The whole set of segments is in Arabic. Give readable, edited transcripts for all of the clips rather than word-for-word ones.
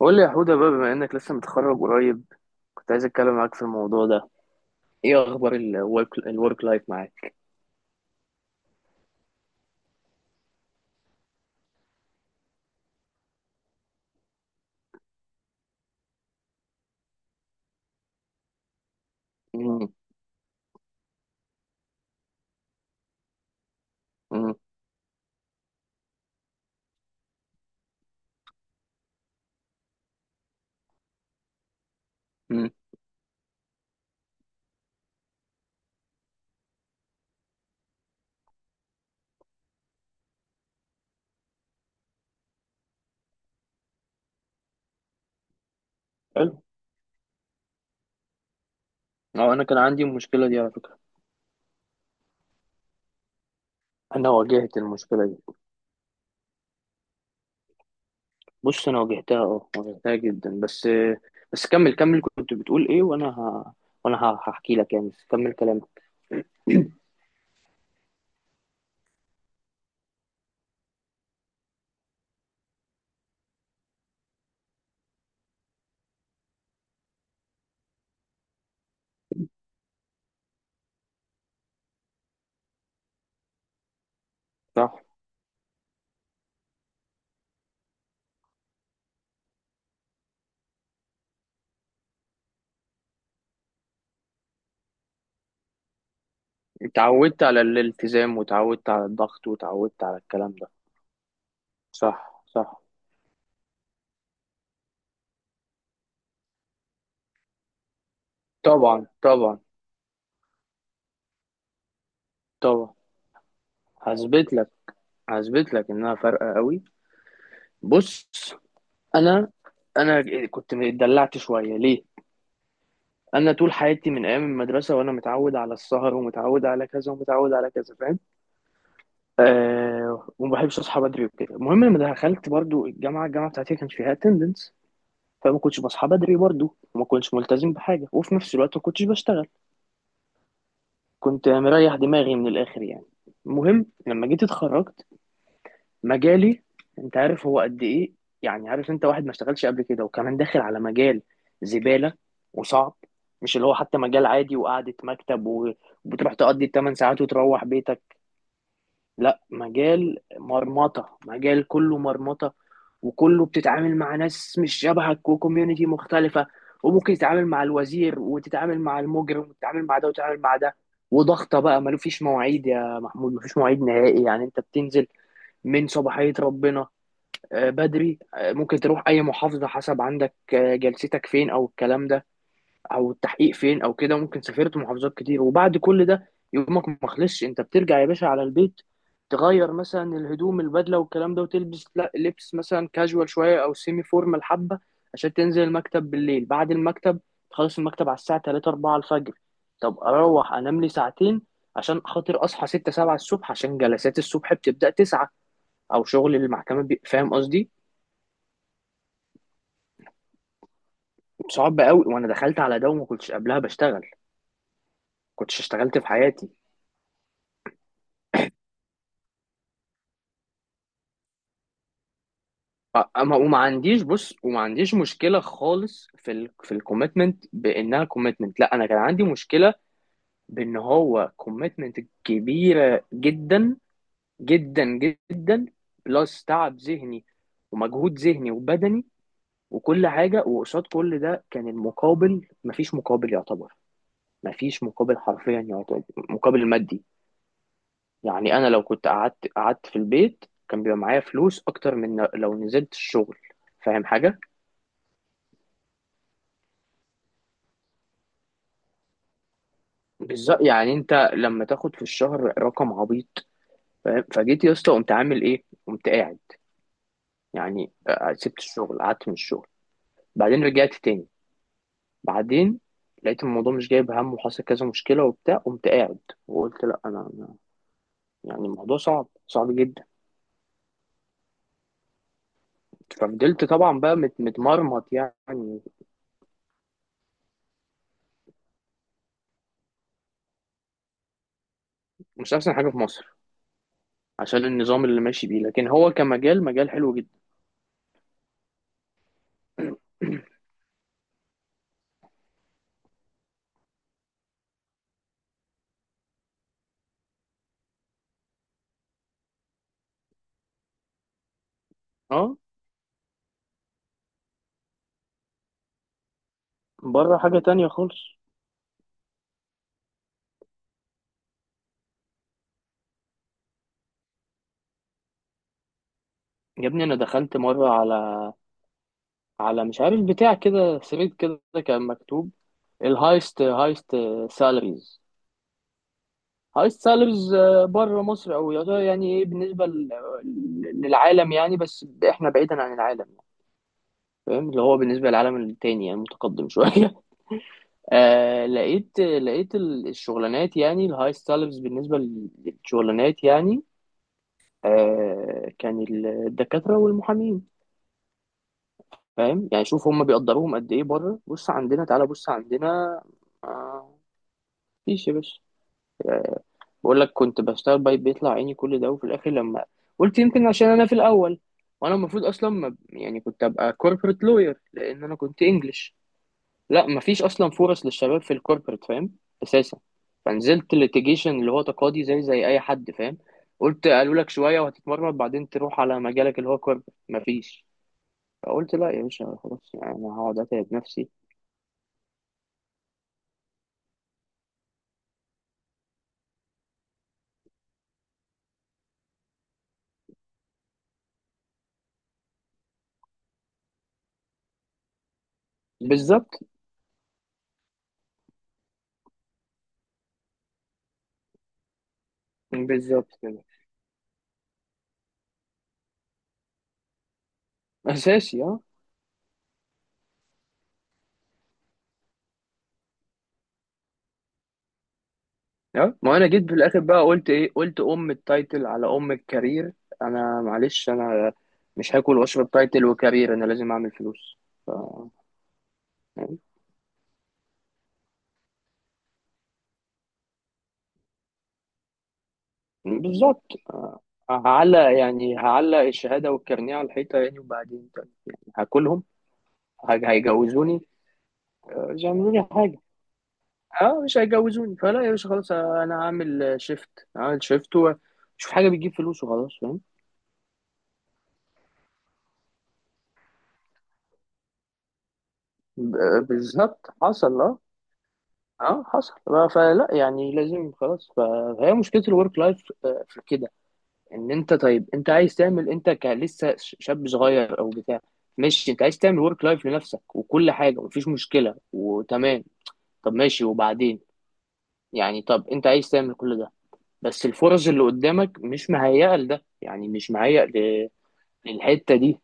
قول لي يا حودة بقى، بما انك لسه متخرج قريب، كنت عايز اتكلم معاك في الموضوع ده. ايه اخبار الورك لايف معاك؟ مم، مم، مم. حلو. اه، انا كان عندي المشكله دي على فكره. انا واجهت المشكله دي. بص، انا واجهتها، اه، واجهتها جدا. بس بس، كمل. كنت بتقول ايه وانا هحكي لك يعني، بس كمل كلامك. صح. اتعودت على الالتزام وتعودت على الضغط وتعودت على الكلام ده. صح، صح. طبعا، طبعا، طبعا. هثبت لك، هثبت لك انها فارقه قوي. بص، انا انا كنت اتدلعت شويه. ليه؟ انا طول حياتي من ايام المدرسه وانا متعود على السهر ومتعود على كذا ومتعود على كذا، فاهم؟ آه. وما بحبش اصحى بدري وكده. المهم لما دخلت برضو الجامعه، الجامعه بتاعتي كانش فيها اتندنس، فما كنتش بصحى بدري برضو وما كنتش ملتزم بحاجه، وفي نفس الوقت ما كنتش بشتغل. كنت مريح دماغي من الاخر يعني. المهم لما جيت اتخرجت، مجالي، انت عارف هو قد ايه؟ يعني عارف، انت واحد ما اشتغلش قبل كده وكمان داخل على مجال زبالة وصعب. مش اللي هو حتى مجال عادي وقعدة مكتب وبتروح تقضي 8 ساعات وتروح بيتك. لا، مجال مرمطة، مجال كله مرمطة. وكله بتتعامل مع ناس مش شبهك وكوميونتي مختلفة. وممكن تتعامل مع الوزير وتتعامل مع المجرم وتتعامل مع ده وتتعامل مع ده. وضغطة بقى، ما فيش مواعيد يا محمود، ما فيش مواعيد نهائي. يعني انت بتنزل من صباحية ربنا آه، بدري آه، ممكن تروح اي محافظه حسب عندك آه، جلستك فين او الكلام ده او التحقيق فين او كده. ممكن سافرت محافظات كتير، وبعد كل ده يومك ما خلصش، انت بترجع يا باشا على البيت تغير مثلا الهدوم، البدله والكلام ده، وتلبس لبس مثلا كاجوال شويه او سيمي فورمال حبه، عشان تنزل المكتب بالليل. بعد المكتب، تخلص المكتب على الساعه 3 4 الفجر. طب اروح انام لي ساعتين عشان خاطر اصحى 6 7 الصبح، عشان جلسات الصبح بتبدا 9، او شغل المحكمه فاهم قصدي؟ صعب قوي، وانا دخلت على ده وما كنتش قبلها بشتغل، كنتش اشتغلت في حياتي. اما، وما عنديش، بص وما عنديش مشكله خالص في ال في الكوميتمنت بانها كوميتمنت، لا، انا كان عندي مشكله بان هو كوميتمنت كبيره جدا، جدا، جدا. بلس تعب ذهني، ومجهود ذهني وبدني وكل حاجه. وقصاد كل ده كان المقابل مفيش مقابل يعتبر، مفيش مقابل حرفيا يعتبر مقابل مادي. يعني انا لو كنت قعدت في البيت، كان بيبقى معايا فلوس اكتر من لو نزلت الشغل، فاهم حاجه؟ بالظبط، يعني انت لما تاخد في الشهر رقم عبيط، فاهم؟ فجيت يا اسطى قمت عامل ايه؟ قمت قاعد، يعني آه، سبت الشغل، قعدت من الشغل. بعدين رجعت تاني. بعدين لقيت الموضوع مش جايب هم، وحصل كذا مشكله وبتاع، قمت قاعد وقلت لا، انا يعني الموضوع صعب، صعب جدا. ففضلت طبعا بقى متمرمط يعني. مش احسن حاجه في مصر عشان النظام اللي ماشي بيه، لكن هو كمجال مجال حلو جدا. اه، بره حاجة تانية خالص. يا ابني انا دخلت مرة على، على مش عارف بتاع كده، ثريد كده كان مكتوب الهايست سالاريز. هايست سالاريز آه، بره مصر، او يعتبر يعني ايه بالنسبة للعالم يعني. بس احنا بعيدا عن العالم يعني. فاهم، اللي هو بالنسبة للعالم التاني يعني متقدم شوية. آه، لقيت الشغلانات يعني الهايست سالاريز بالنسبة للشغلانات يعني آه، كان الدكاترة والمحامين، فاهم يعني؟ شوف هم بيقدروهم قد ايه بره. بص عندنا، تعالى بص عندنا آه، مفيش يا باشا. آه، بقول لك كنت بشتغل بايت بيطلع عيني كل ده، وفي الاخر لما قلت يمكن عشان انا في الاول، وانا المفروض اصلا ما، يعني كنت ابقى كوربريت لوير لان انا كنت انجلش. لا، مفيش اصلا فرص للشباب في الكوربريت، فاهم؟ اساسا. فنزلت ليتيجيشن اللي هو تقاضي، زي اي حد فاهم. قلت قالوا لك شويه وهتتمرمط بعدين تروح على مجالك اللي هو كوربريت، مفيش. فقلت لا يا باشا، خلاص يعني انا هقعد اتعب نفسي. بالظبط، بالظبط كده. اساسي، اه، اه. ما انا جيت في الاخر بقى قلت ايه؟ قلت ام التايتل على ام الكارير. انا معلش، انا مش هاكل واشرب تايتل وكارير، انا لازم اعمل فلوس. ف... يعني بالظبط آه، هعلق يعني هعلق الشهاده والكارنيه على الحيطه يعني، وبعدين طيب، يعني هاكلهم؟ هيجوزوني؟ مش هيعملوا لي حاجه. اه، مش هيجوزوني. فلا يا باشا، خلاص انا هعمل شيفت. هعمل شيفت وشوف حاجه بتجيب فلوس وخلاص، فاهم؟ بالظبط، حصل، اه. اه، حصل. فلا يعني، لازم خلاص. فهي مشكله الورك لايف في كده. ان انت، طيب انت عايز تعمل، انت لسه شاب صغير او بتاع، ماشي، انت عايز تعمل ورك لايف لنفسك وكل حاجه ومفيش مشكله وتمام، طب ماشي وبعدين؟ يعني طب انت عايز تعمل كل ده، بس الفرص اللي قدامك مش مهيئه لده، يعني مش مهيئ. الحته دي،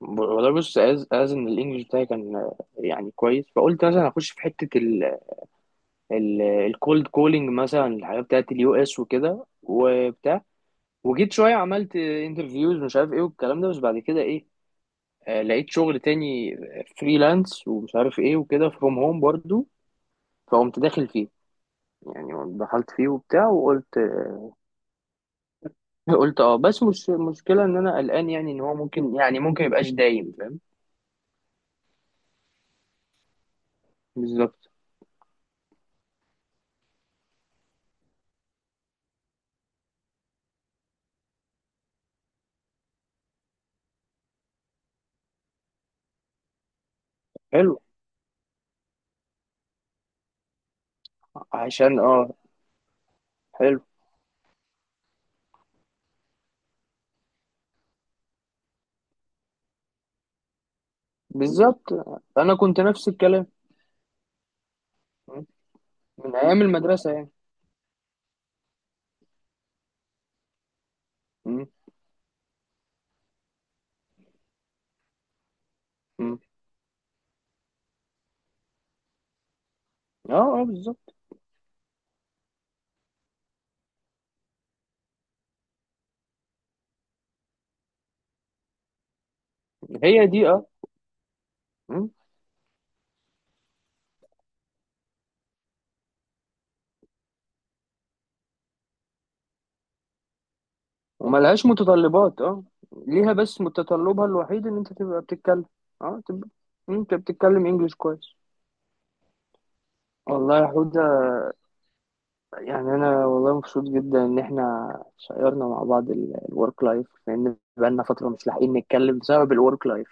والله بص، از ان الانجليش بتاعي كان آه، يعني كويس، فقلت مثلا اخش في حته ال الكولد كولينج مثلا، الحاجات بتاعت اليو اس وكده وبتاع. وجيت شويه عملت انترفيوز ومش عارف ايه والكلام ده، بس بعد كده ايه، آه، لقيت شغل تاني فريلانس ومش عارف ايه وكده، فروم هوم برضو. فقمت داخل فيه يعني، دخلت فيه وبتاع وقلت، قلت اه بس مش مشكله، ان انا قلقان يعني ان هو ممكن، يعني ممكن يبقاش دايم، فاهم؟ بالظبط. حلو. عشان اه. حلو، بالظبط. انا كنت نفس الكلام. م. من ايام المدرسه يعني. م. م. اه، اه، بالظبط. هي دي، اه. م. وملهاش متطلبات، اه، ليها بس، متطلبها الوحيد ان انت تبقى بتتكلم، اه تبقى، م. انت بتتكلم انجليش كويس. والله يا حوده، يعني انا والله مبسوط جدا ان احنا شيرنا مع بعض الورك لايف، لان بقالنا فتره مش لاحقين نتكلم بسبب الورك لايف.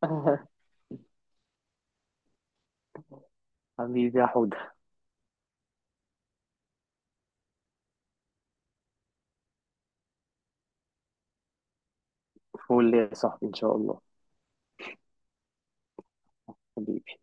حبيبي يا حوده. فول يا صاحبي ان شاء الله. حبيبي.